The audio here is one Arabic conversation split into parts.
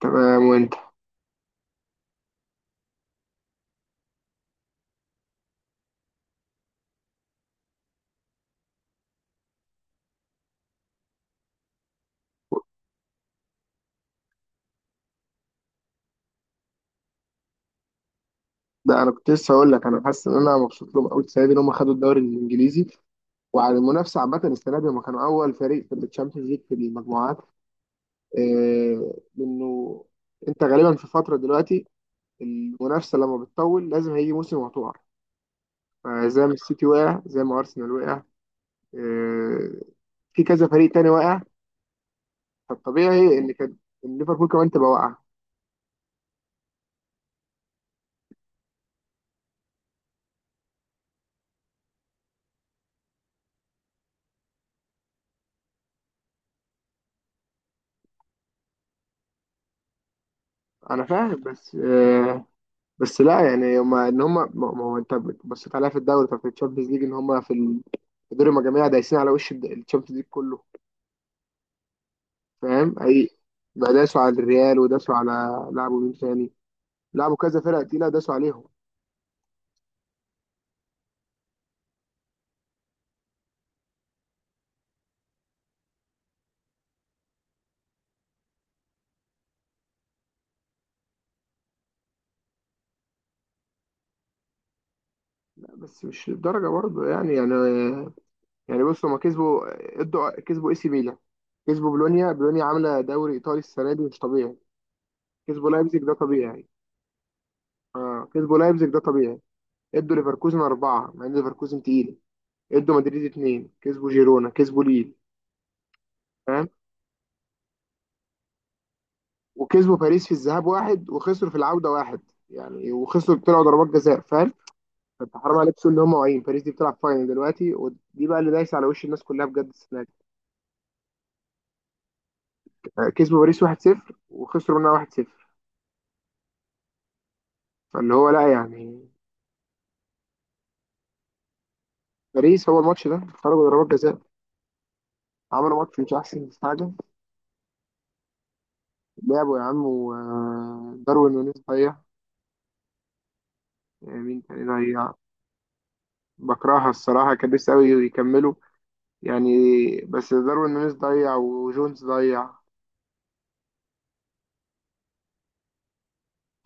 تمام وانت. ده انا كنت لسه هقول لك انا حاسس ان انا مبسوط لهم قوي السنه دي ان هم خدوا الدوري الانجليزي، وعلى المنافسه عامه السنه دي هم كانوا اول فريق في الشامبيونز ليج في المجموعات، لانه انت غالبا في فتره دلوقتي، المنافسه لما بتطول لازم هيجي موسم وهتقع، فزي ما السيتي وقع زي ما ارسنال وقع، آه، في كذا فريق تاني وقع، فالطبيعي ان كان إن ليفربول كمان تبقى واقعه. انا فاهم، بس لا يعني هما ان هما ما هو انت بصيت عليها في الدوري، طب في الشامبيونز ليج ان هما في دور المجاميع دايسين على وش الشامبيونز ليج كله، فاهم اي؟ بقى داسوا على الريال وداسوا على، لعبوا مين تاني، لعبوا كذا فرقة تقيلة داسوا عليهم. لا، بس مش للدرجة برضه يعني يعني. بص، هما كسبوا، ادوا، كسبوا اي سي ميلان، كسبوا بولونيا، بولونيا عاملة دوري ايطالي السنة دي مش طبيعي. كسبوا لايبزيج ده طبيعي. اه كسبوا لايبزيج ده طبيعي. ادوا ليفركوزن أربعة مع ان ليفركوزن تقيل، ادوا مدريد اتنين، كسبوا جيرونا، كسبوا ليل، فاهم؟ وكسبوا باريس في الذهاب واحد، وخسروا في العودة واحد، يعني وخسروا طلعوا ضربات جزاء، فاهم؟ فانت حرام عليك تقول ان هم واعيين، باريس دي بتلعب فاينل دلوقتي، ودي بقى اللي دايسه على وش الناس كلها بجد السنه دي. كسبوا باريس 1-0 وخسروا منها 1-0. فاللي هو لا يعني. باريس، هو الماتش ده خرجوا ضربات جزاء، عملوا ماتش مش احسن حاجه. لعبوا يا عم، وداروين نونيز ضيع، مين تاني ضيع. بكرهها الصراحه، كان لسه قوي يكملوا يعني، بس داروين نونيز ضيع وجونز ضيع.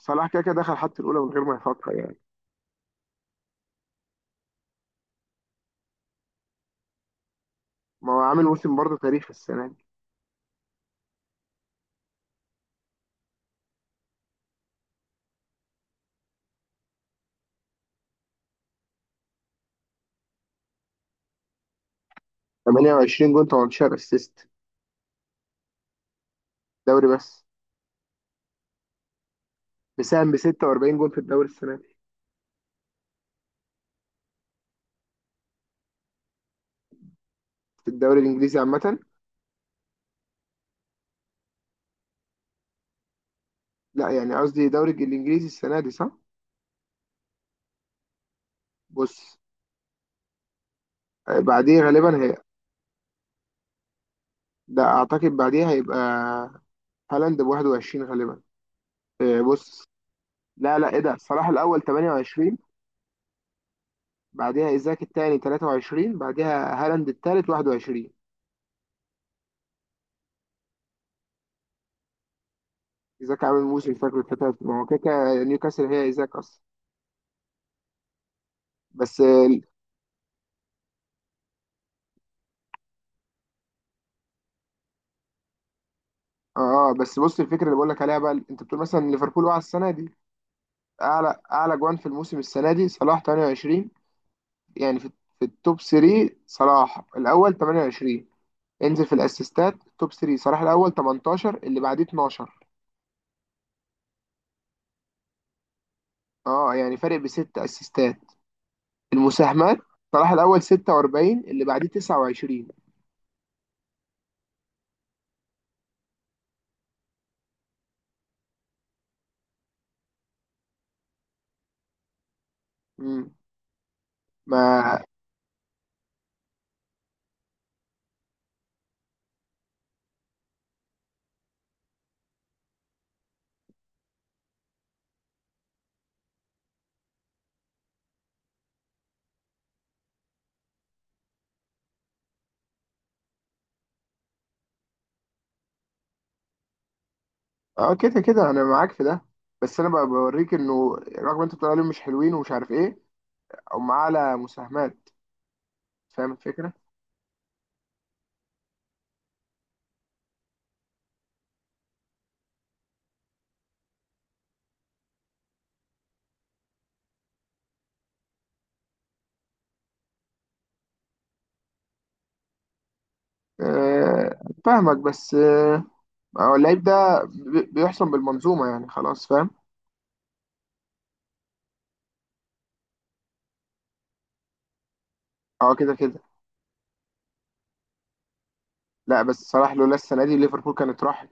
صلاح كده كده دخل حتى الأولى من غير ما يفكر يعني. ما هو عامل موسم برضه تاريخي السنة دي. 28 جون 18 اسيست، دوري بس. مساهم ب 46 جون في الدوري السنة دي، في الدوري الإنجليزي عامة. لا، يعني قصدي دوري الإنجليزي السنة دي، صح؟ بص، بعديه غالبا هي، ده أعتقد بعديه هيبقى هالاند ب 21 غالبا. بص. لا لا، إيه ده، صلاح الأول 28، بعديها إيزاك التاني 23، بعديها هالاند التالت 21. ايزاك عامل موسم، فاكر الفتات، ما هو كده كده نيوكاسل هي ايزاك اصلا. بس ال- اه بس بص، الفكره اللي بقول لك عليها بقى، انت بتقول مثلا ليفربول وقع السنه دي، اعلى جوان في الموسم السنه دي صلاح 28. يعني في التوب 3، صلاح الاول 28. انزل في الاسيستات، توب 3، صلاح الاول 18 اللي بعديه 12. اه يعني فارق بست اسيستات، المساهمات، صلاح الاول 46 اللي بعديه 29. امم ما اه كده كده انا معاك في ده. بس انا بقى بوريك انه رغم انت بتقول عليهم مش حلوين ومش عارف ايه، هم اعلى مساهمات، فاهم الفكره؟ أه فاهمك، بس هو اللعيب ده بيحسن بالمنظومه يعني، خلاص فاهم؟ اه كده كده. لا بس صلاح لولا السنه دي ليفربول كانت راحت.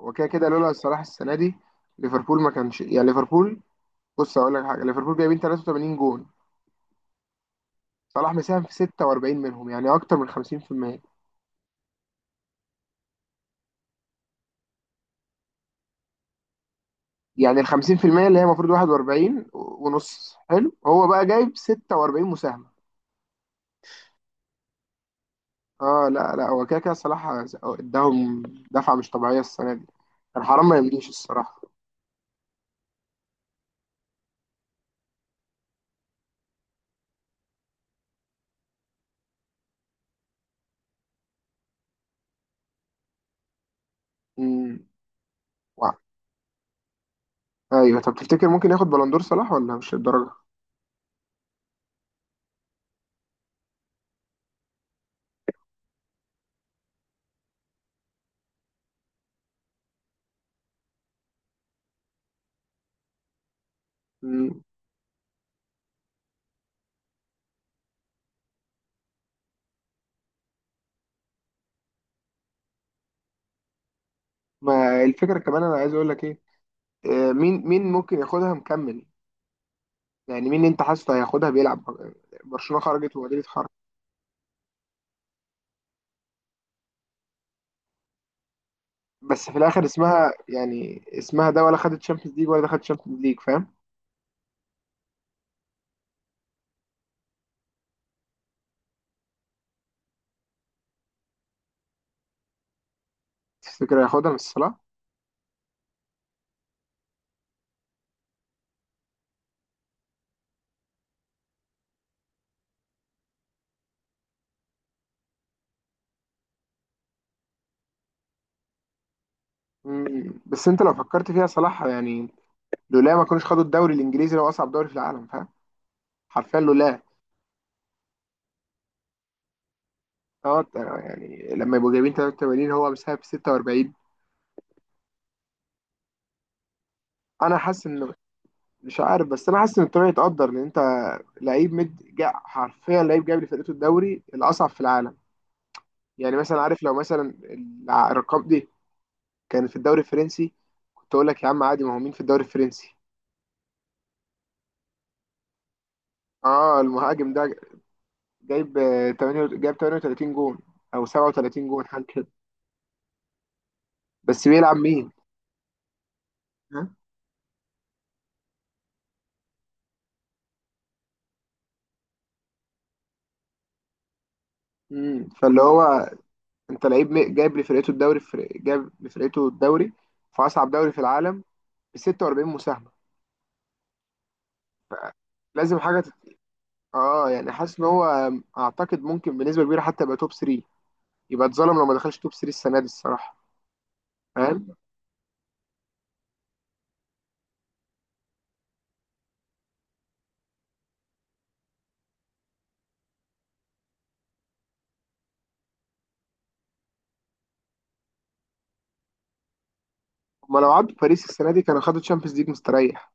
هو كده كده لولا صلاح السنه دي ليفربول ما كانش يعني ليفربول. بص اقول لك حاجه، ليفربول جايبين 83 جون، صلاح مساهم في 46 منهم، يعني اكتر من 50%. يعني ال 50% اللي هي المفروض 41 ونص، حلو هو بقى جايب 46 مساهمة. اه لا لا، هو كده كده صلاح اداهم دفعة مش طبيعية السنة دي، كان حرام ما يمليش الصراحة. امم وا- ايوه، طب تفتكر ممكن ياخد بلندور صلاح ولا مش الدرجة؟ امم ما الفكرة كمان، انا عايز اقول لك ايه، مين ممكن ياخدها مكمل. يعني مين انت حاسه هياخدها بيلعب؟ برشلونة خرجت ومدريد خرج. بس في الاخر اسمها يعني اسمها ده، ولا خدت شامبيونز ليج ولا دخلت شامبيونز ليج، فاهم؟ تفتكر هياخدها من صلاح؟ بس انت لو فكرت فيها صلاح يعني، لولا ما كانوش خدوا الدوري الانجليزي لو اصعب دوري في العالم، فاهم؟ حرفيا لولا. اه يعني لما يبقوا جايبين 83 هو مساهم في 46. انا حاسس انه، مش عارف، بس انا حاسس ان الطريق يتقدر، لان انت لعيب مد جا حرفيا، لعيب جايب لفرقته الدوري الاصعب في العالم. يعني مثلا عارف، لو مثلا الارقام دي كانت في الدوري الفرنسي، كنت اقول لك يا عم عادي، ما هو مين في الدوري الفرنسي. اه المهاجم ده جايب 8، جايب 38 جون او 37 جون حاجه كده. بس بيلعب مين؟ ها؟ مم. فاللي هو، انت لعيب جايب لفرقته الدوري في اصعب دوري في العالم ب 46 مساهمه. لازم حاجه اه يعني حاسس ان هو، اعتقد ممكن بنسبه كبيره حتى يبقى توب 3. يبقى اتظلم لو ما دخلش توب 3 السنه دي الصراحه، فاهم؟ هما لو عدوا باريس السنه دي كانوا خدوا تشامبيونز ليج مستريح.